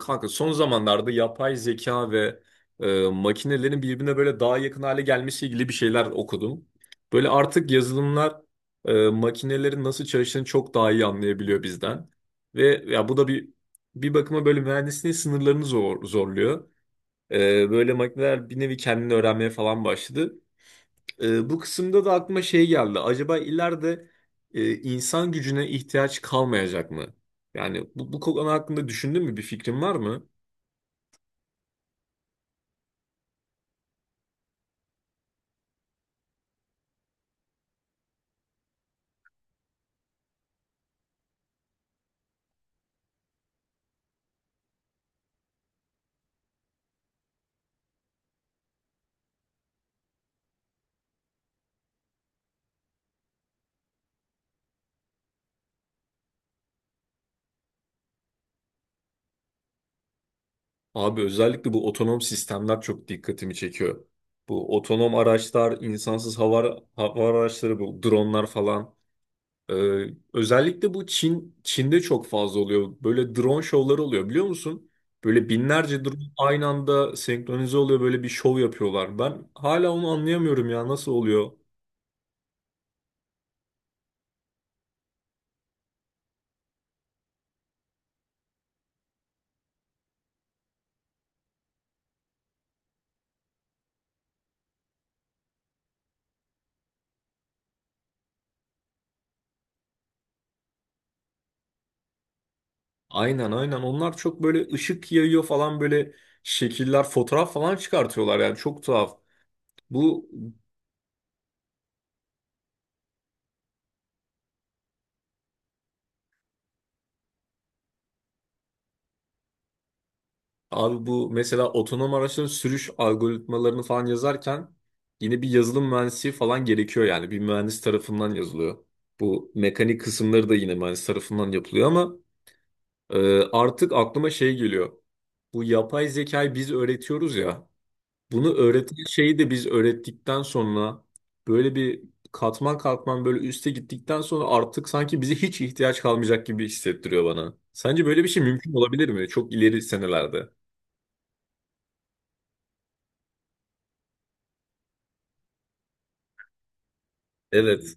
Kanka son zamanlarda yapay zeka ve makinelerin birbirine böyle daha yakın hale gelmesiyle ilgili bir şeyler okudum. Böyle artık yazılımlar makinelerin nasıl çalıştığını çok daha iyi anlayabiliyor bizden. Ve ya bu da bir bakıma böyle mühendisliğin sınırlarını zorluyor. Böyle makineler bir nevi kendini öğrenmeye falan başladı. Bu kısımda da aklıma şey geldi. Acaba ileride insan gücüne ihtiyaç kalmayacak mı? Yani bu konu hakkında düşündün mü? Bir fikrin var mı? Abi özellikle bu otonom sistemler çok dikkatimi çekiyor. Bu otonom araçlar, insansız hava araçları, bu dronlar falan. Ee, Özellikle bu Çin'de çok fazla oluyor. Böyle drone şovları oluyor biliyor musun? Böyle binlerce drone aynı anda senkronize oluyor böyle bir şov yapıyorlar. Ben hala onu anlayamıyorum ya nasıl oluyor? Aynen aynen onlar çok böyle ışık yayıyor falan böyle şekiller, fotoğraf falan çıkartıyorlar yani çok tuhaf. Bu Abi bu mesela otonom araçların sürüş algoritmalarını falan yazarken yine bir yazılım mühendisi falan gerekiyor yani bir mühendis tarafından yazılıyor. Bu mekanik kısımları da yine mühendis tarafından yapılıyor ama artık aklıma şey geliyor. Bu yapay zekayı biz öğretiyoruz ya. Bunu öğreten şeyi de biz öğrettikten sonra böyle bir katman katman böyle üste gittikten sonra artık sanki bize hiç ihtiyaç kalmayacak gibi hissettiriyor bana. Sence böyle bir şey mümkün olabilir mi? Çok ileri senelerde. Evet.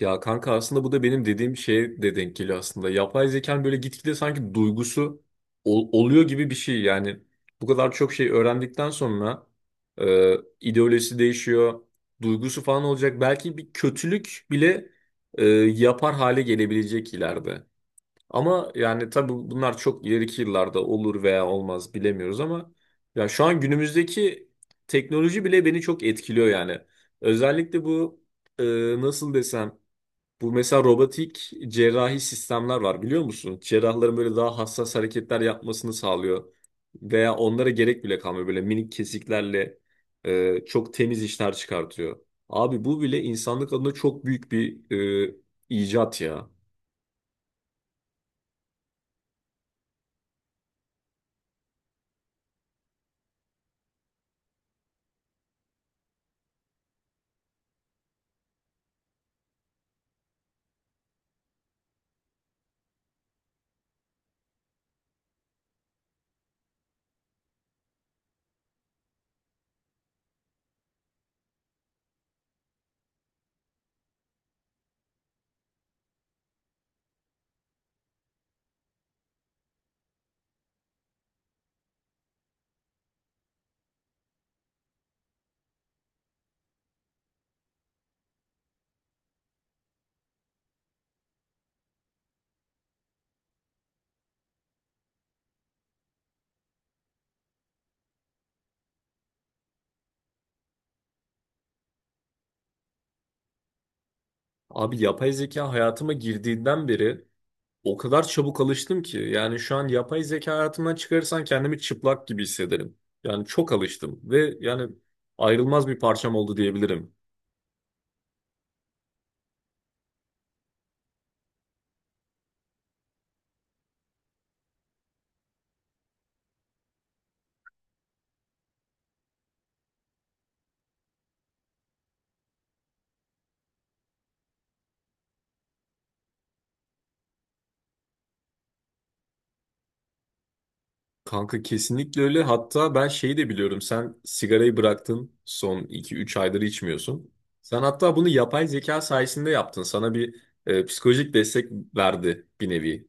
Ya kanka aslında bu da benim dediğim şeye de denk geliyor aslında. Yapay zekanın böyle gitgide sanki duygusu oluyor gibi bir şey. Yani bu kadar çok şey öğrendikten sonra e, ideolojisi değişiyor, duygusu falan olacak. Belki bir kötülük bile yapar hale gelebilecek ileride. Ama yani tabii bunlar çok ileriki yıllarda olur veya olmaz bilemiyoruz ama ya şu an günümüzdeki teknoloji bile beni çok etkiliyor yani. Özellikle bu e, nasıl desem bu mesela robotik cerrahi sistemler var biliyor musun? Cerrahların böyle daha hassas hareketler yapmasını sağlıyor. Veya onlara gerek bile kalmıyor. Böyle minik kesiklerle çok temiz işler çıkartıyor. Abi bu bile insanlık adına çok büyük bir e, icat ya. Abi yapay zeka hayatıma girdiğinden beri o kadar çabuk alıştım ki. Yani şu an yapay zeka hayatımdan çıkarırsan kendimi çıplak gibi hissederim. Yani çok alıştım ve yani ayrılmaz bir parçam oldu diyebilirim. Kanka kesinlikle öyle. Hatta ben şeyi de biliyorum. Sen sigarayı bıraktın. Son iki üç aydır içmiyorsun. Sen hatta bunu yapay zeka sayesinde yaptın. Sana bir psikolojik destek verdi bir nevi.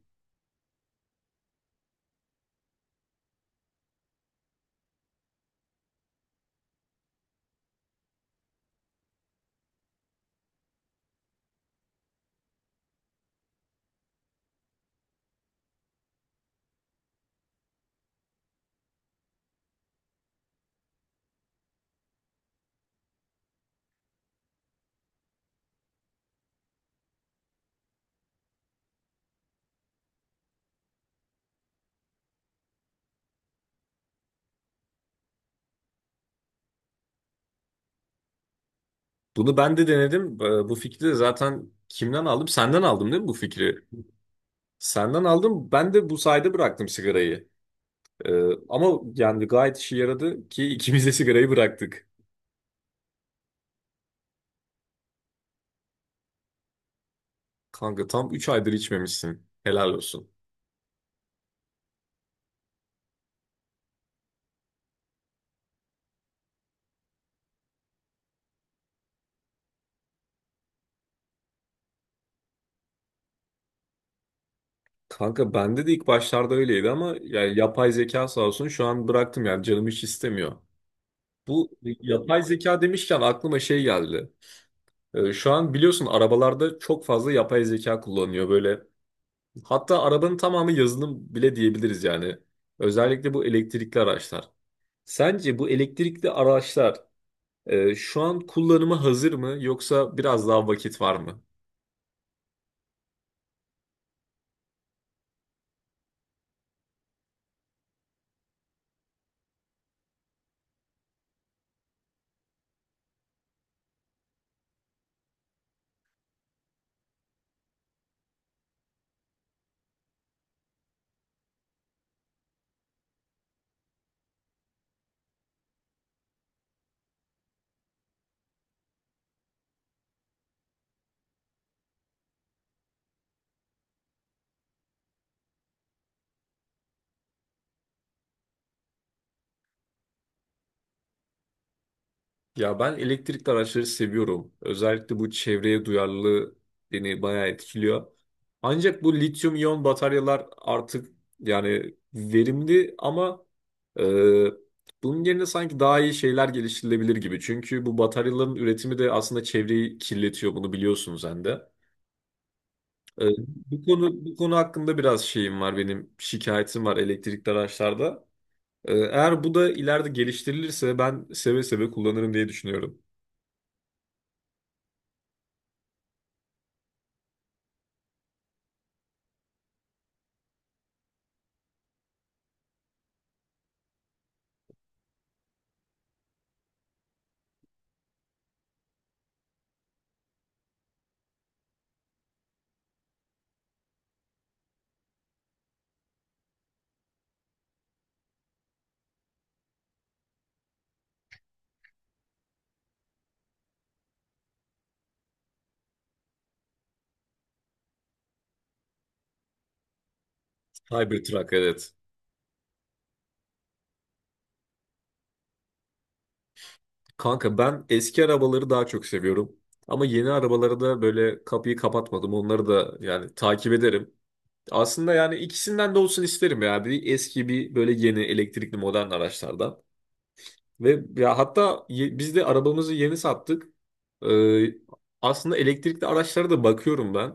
Bunu ben de denedim. E, bu fikri de zaten kimden aldım? Senden aldım değil mi bu fikri? Senden aldım. Ben de bu sayede bıraktım sigarayı. E, ama yani gayet işe yaradı ki ikimiz de sigarayı bıraktık. Kanka tam 3 aydır içmemişsin. Helal olsun. Kanka bende de ilk başlarda öyleydi ama yani yapay zeka sağ olsun şu an bıraktım yani canım hiç istemiyor. Bu yapay zeka demişken aklıma şey geldi. Şu an biliyorsun arabalarda çok fazla yapay zeka kullanıyor böyle. Hatta arabanın tamamı yazılım bile diyebiliriz yani. Özellikle bu elektrikli araçlar. Sence bu elektrikli araçlar şu an kullanıma hazır mı yoksa biraz daha vakit var mı? Ya ben elektrikli araçları seviyorum. Özellikle bu çevreye duyarlılığı beni bayağı etkiliyor. Ancak bu lityum iyon bataryalar artık yani verimli ama e, bunun yerine sanki daha iyi şeyler geliştirilebilir gibi. Çünkü bu bataryaların üretimi de aslında çevreyi kirletiyor. Bunu biliyorsun sen de. E, bu konu hakkında biraz şeyim var benim şikayetim var elektrikli araçlarda. E, eğer bu da ileride geliştirilirse ben seve seve kullanırım diye düşünüyorum. Cybertruck evet. Kanka ben eski arabaları daha çok seviyorum. Ama yeni arabalara da böyle kapıyı kapatmadım. Onları da yani takip ederim. Aslında yani ikisinden de olsun isterim ya. Bir eski bir böyle yeni elektrikli modern araçlardan. Ve ya hatta biz de arabamızı yeni sattık. Ee, Aslında elektrikli araçlara da bakıyorum ben.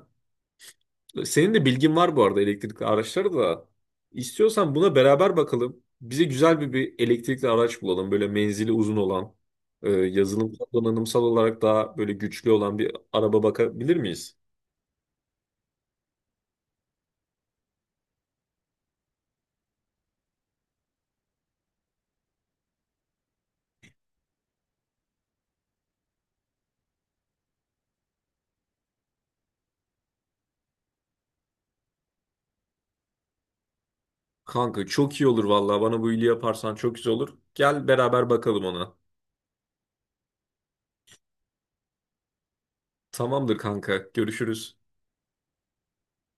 Senin de bilgin var bu arada elektrikli araçları da. İstiyorsan buna beraber bakalım. Bize güzel bir elektrikli araç bulalım. Böyle menzili uzun olan, yazılımsal donanımsal olarak daha böyle güçlü olan bir araba bakabilir miyiz? Kanka çok iyi olur vallahi. Bana bu iyiliği yaparsan çok güzel olur. Gel beraber bakalım ona. Tamamdır kanka. Görüşürüz.